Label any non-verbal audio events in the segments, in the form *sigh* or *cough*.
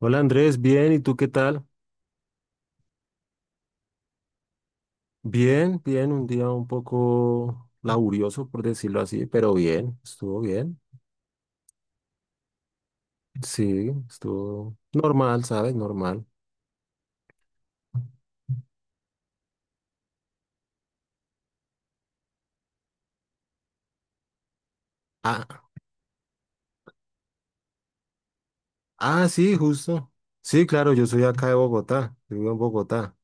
Hola Andrés, bien, ¿y tú qué tal? Bien, bien, un día un poco laborioso, por decirlo así, pero bien, estuvo bien. Sí, estuvo normal, ¿sabes? Normal. Ah, ah, sí, justo. Sí, claro, yo soy acá de Bogotá, yo vivo en Bogotá.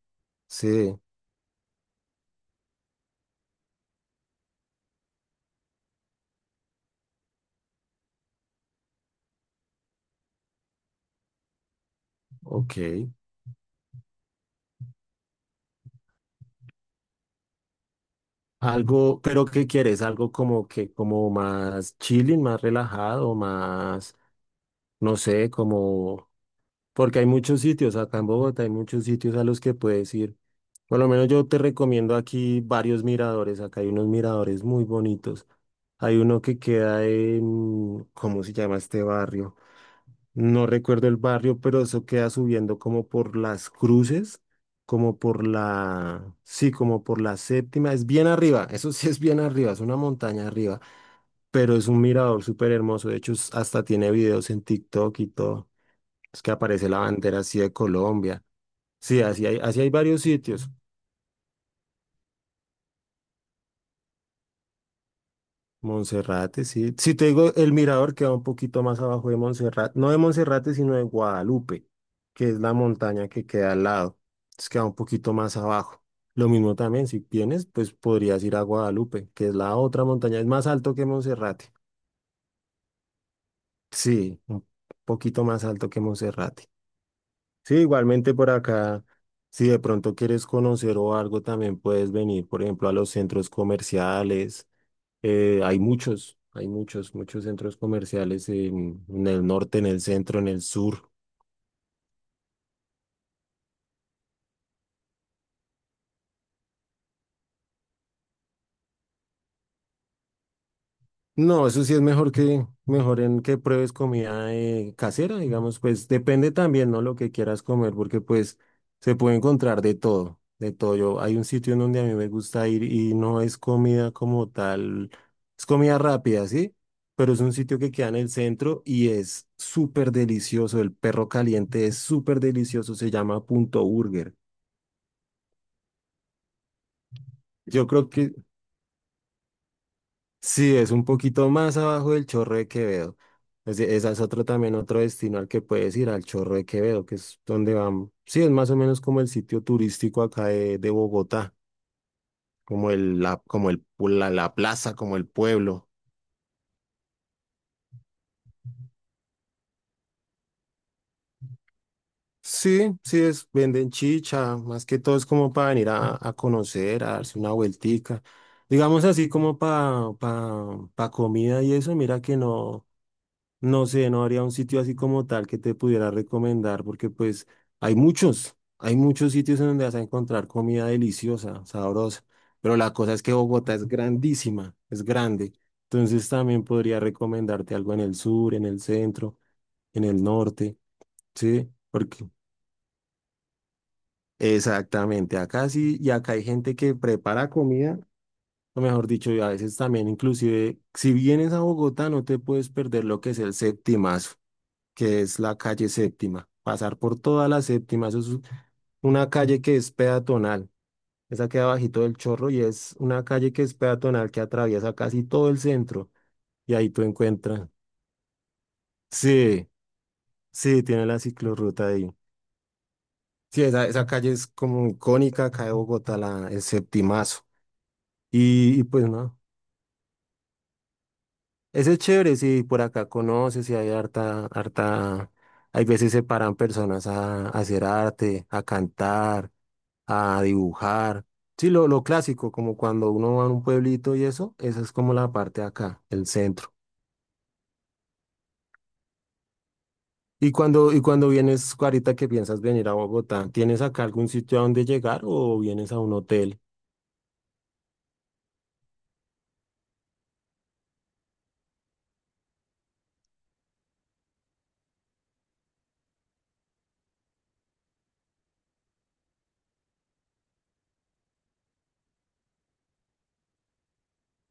Sí, ok. Algo, pero ¿qué quieres? Algo como que, como más chilling, más relajado, más, no sé, como... Porque hay muchos sitios, acá en Bogotá hay muchos sitios a los que puedes ir. Por lo menos yo te recomiendo aquí varios miradores. Acá hay unos miradores muy bonitos. Hay uno que queda en... ¿cómo se llama este barrio? No recuerdo el barrio, pero eso queda subiendo como por las cruces, como por la, sí, como por la séptima. Es bien arriba, *laughs* eso sí es bien arriba, es una montaña arriba, pero es un mirador súper hermoso. De hecho, hasta tiene videos en TikTok y todo. Es que aparece la bandera así de Colombia. Sí, así hay varios sitios. Monserrate, sí. Si te digo, el mirador queda un poquito más abajo de Monserrate. No de Monserrate, sino de Guadalupe, que es la montaña que queda al lado. Entonces queda un poquito más abajo. Lo mismo también, si vienes, pues podrías ir a Guadalupe, que es la otra montaña. Es más alto que Monserrate. Sí, un poquito más alto que Monserrate. Sí, igualmente por acá, si de pronto quieres conocer o algo, también puedes venir, por ejemplo, a los centros comerciales. Hay muchos, muchos centros comerciales en el norte, en el centro, en el sur. No, eso sí es mejor que, mejor en que pruebes comida casera, digamos, pues depende también, ¿no? Lo que quieras comer, porque pues se puede encontrar de todo, de todo. Yo, hay un sitio en donde a mí me gusta ir y no es comida como tal, es comida rápida, ¿sí? Pero es un sitio que queda en el centro y es súper delicioso. El perro caliente es súper delicioso, se llama Punto Burger. Yo creo que... sí, es un poquito más abajo del Chorro de Quevedo. Esa es otro también otro destino al que puedes ir, al Chorro de Quevedo, que es donde van. Sí, es más o menos como el sitio turístico acá de Bogotá, como el, la, como el, la, la plaza, como el pueblo. Sí, sí, es, venden chicha, más que todo es como para venir a conocer, a darse una vueltica. Digamos así como para pa, pa pa comida y eso, mira que no. No sé, no habría un sitio así como tal que te pudiera recomendar, porque pues hay muchos sitios en donde vas a encontrar comida deliciosa, sabrosa, pero la cosa es que Bogotá es grandísima, es grande, entonces también podría recomendarte algo en el sur, en el centro, en el norte, ¿sí? Porque... exactamente, acá sí, y acá hay gente que prepara comida, o mejor dicho, y a veces también inclusive, si vienes a Bogotá no te puedes perder lo que es el septimazo, que es la calle Séptima. Pasar por toda la Séptima, eso es una calle que es peatonal. Esa queda bajito del Chorro y es una calle que es peatonal que atraviesa casi todo el centro. Y ahí tú encuentras. Sí, sí, tiene la ciclorruta ahí. Sí, esa calle es como icónica acá de Bogotá, la, el Septimazo. Y pues no, ese es chévere, si por acá conoces y hay harta, harta, hay veces se paran personas a hacer arte, a cantar, a dibujar. Sí, lo clásico, como cuando uno va a un pueblito y eso, esa es como la parte de acá, el centro. Y cuando vienes, ahorita que piensas venir a Bogotá, ¿tienes acá algún sitio a donde llegar o vienes a un hotel?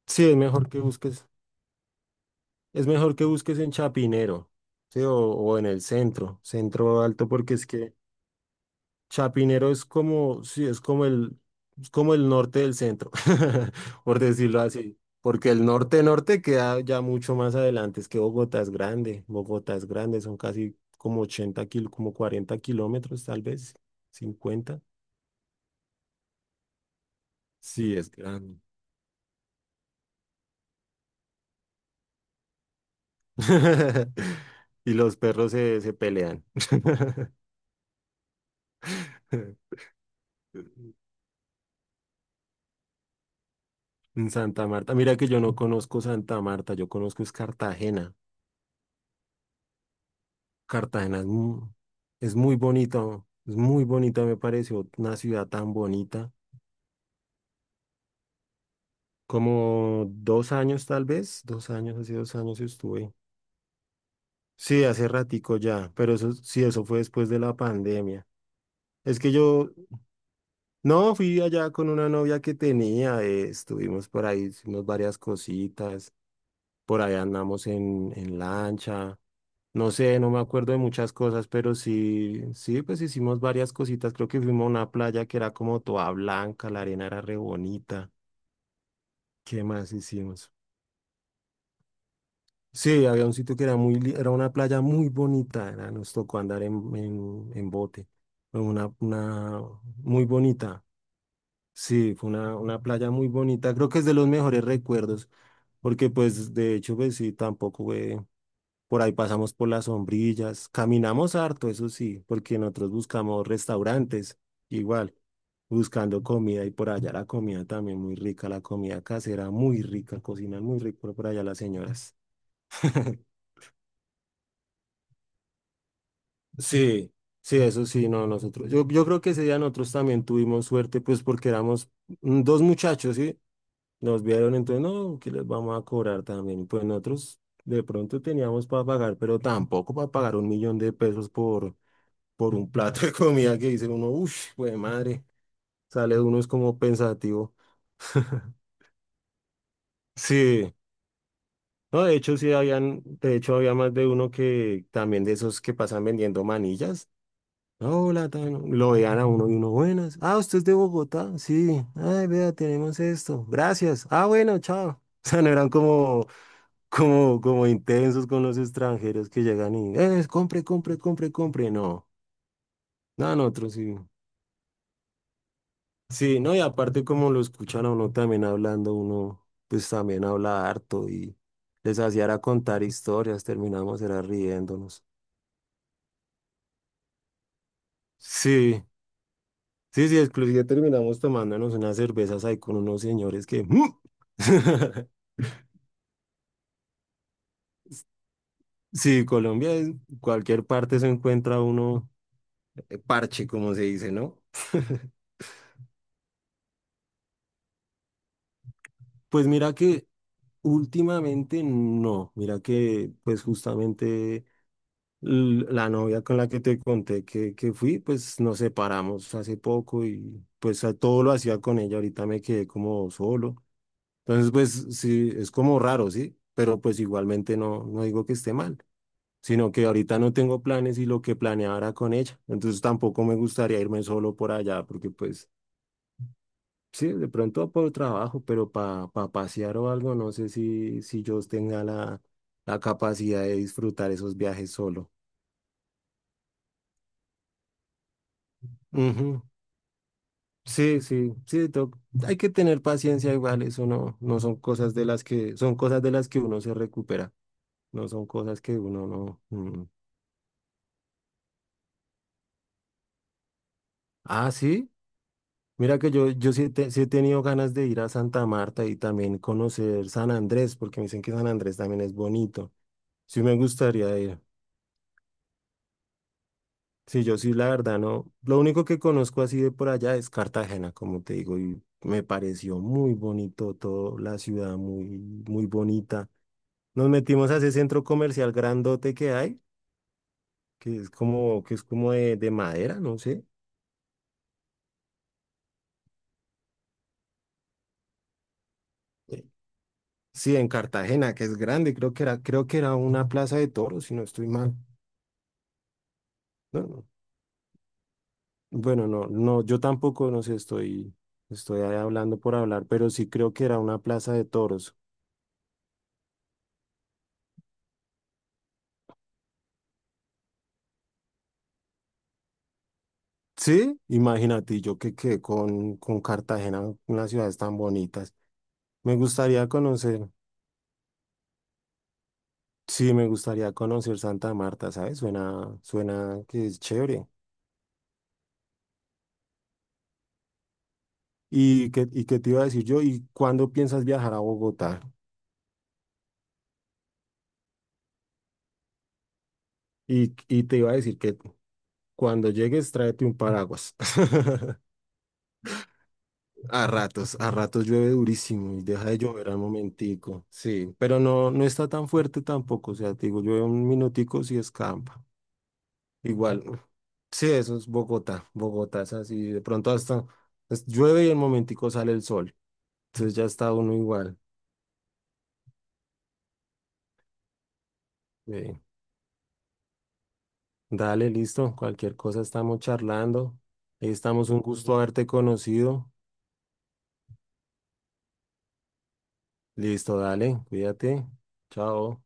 Sí, es mejor que busques, es mejor que busques en Chapinero, sí, o en el centro, centro alto, porque es que Chapinero es como, sí, es como el norte del centro, *laughs* por decirlo así. Porque el norte norte queda ya mucho más adelante. Es que Bogotá es grande. Bogotá es grande, son casi como como 40 kilómetros, tal vez, 50. Sí, es grande. *laughs* Y los perros se, se pelean. *laughs* En Santa Marta, mira que yo no conozco Santa Marta, yo conozco es Cartagena. Cartagena es mu- es muy, bonito, es muy bonita me pareció, una ciudad tan bonita. Como dos años tal vez, dos años, hace dos años estuve. Sí, hace ratico ya, pero eso sí, eso fue después de la pandemia. Es que yo, no, fui allá con una novia que tenía, estuvimos por ahí, hicimos varias cositas, por ahí andamos en lancha. No sé, no me acuerdo de muchas cosas, pero sí, sí, pues hicimos varias cositas. Creo que fuimos a una playa que era como toda blanca, la arena era re bonita. ¿Qué más hicimos? Sí, había un sitio que era muy, era una playa muy bonita, nos tocó andar en bote. Fue una muy bonita. Sí, fue una playa muy bonita. Creo que es de los mejores recuerdos, porque pues de hecho, pues sí, tampoco fue. Por ahí pasamos por las sombrillas, caminamos harto, eso sí, porque nosotros buscamos restaurantes, igual, buscando comida y por allá la comida también muy rica, la comida casera muy rica, cocinan muy rico por allá las señoras. *laughs* Sí, sí, eso sí, no, nosotros, yo creo que ese día nosotros también tuvimos suerte, pues porque éramos dos muchachos, ¿sí? Nos vieron, entonces, no, que les vamos a cobrar también, pues nosotros de pronto teníamos para pagar, pero tampoco para pagar 1.000.000 de pesos por un plato de comida que dice uno, uff, güey, madre, sale uno es como pensativo. *laughs* Sí, no, de hecho sí habían, de hecho había más de uno que también de esos que pasan vendiendo manillas. Hola, lo veían a uno y uno, buenas. Ah, usted es de Bogotá, sí. Ay, vea, tenemos esto. Gracias. Ah, bueno, chao. *laughs* O sea, no eran como, como, como intensos con los extranjeros que llegan y, compre, compre, compre, compre. No, no, nosotros sí. Sí, no, y aparte como lo escuchan a uno también hablando, uno pues también habla harto y les hacía era contar historias, terminamos era riéndonos. Sí, sí, sí, inclusive terminamos tomándonos unas cervezas ahí con unos señores que... ¡mm! *laughs* Sí, Colombia, en cualquier parte se encuentra uno parche, como se dice, ¿no? *laughs* Pues mira que últimamente no, mira que pues justamente... La novia con la que te conté que fui, pues nos separamos hace poco y pues todo lo hacía con ella, ahorita me quedé como solo. Entonces, pues sí, es como raro, ¿sí? Pero pues igualmente no, no digo que esté mal, sino que ahorita no tengo planes y lo que planeaba era con ella. Entonces tampoco me gustaría irme solo por allá, porque pues sí, de pronto por trabajo, pero para pasear o algo, no sé si, si yo tenga la, la capacidad de disfrutar esos viajes solo. Sí, sí, sí, hay que tener paciencia igual, eso no, no son cosas de las que, son cosas de las que uno se recupera, no son cosas que uno no. Mm. Ah, sí, mira que yo sí, sí he tenido ganas de ir a Santa Marta y también conocer San Andrés, porque me dicen que San Andrés también es bonito. Sí me gustaría ir. Sí, yo sí, la verdad, no. Lo único que conozco así de por allá es Cartagena, como te digo, y me pareció muy bonito todo, la ciudad muy, muy bonita. Nos metimos a ese centro comercial grandote que hay, que es como de madera, no sé. Eh, Sí, en Cartagena, que es grande, creo que era una plaza de toros, si no estoy mal. No, no. Bueno, no, no, yo tampoco, no sé, estoy, estoy ahí hablando por hablar, pero sí creo que era una plaza de toros. Sí, imagínate, y yo que quedé con Cartagena, unas ciudades tan bonitas. Me gustaría conocer, sí, me gustaría conocer Santa Marta, ¿sabes? Suena, suena que es chévere. Y qué te iba a decir yo? ¿Y cuándo piensas viajar a Bogotá? Y te iba a decir que cuando llegues tráete un paraguas. *laughs* A ratos llueve durísimo y deja de llover al momentico. Sí, pero no, no está tan fuerte tampoco. O sea, te digo, llueve un minutico si escampa. Igual, sí, eso es Bogotá. Bogotá es así. De pronto hasta llueve y al momentico sale el sol. Entonces ya está uno igual. Sí. Dale, listo. Cualquier cosa estamos charlando. Ahí estamos, un gusto haberte conocido. Listo, dale, cuídate. Chao.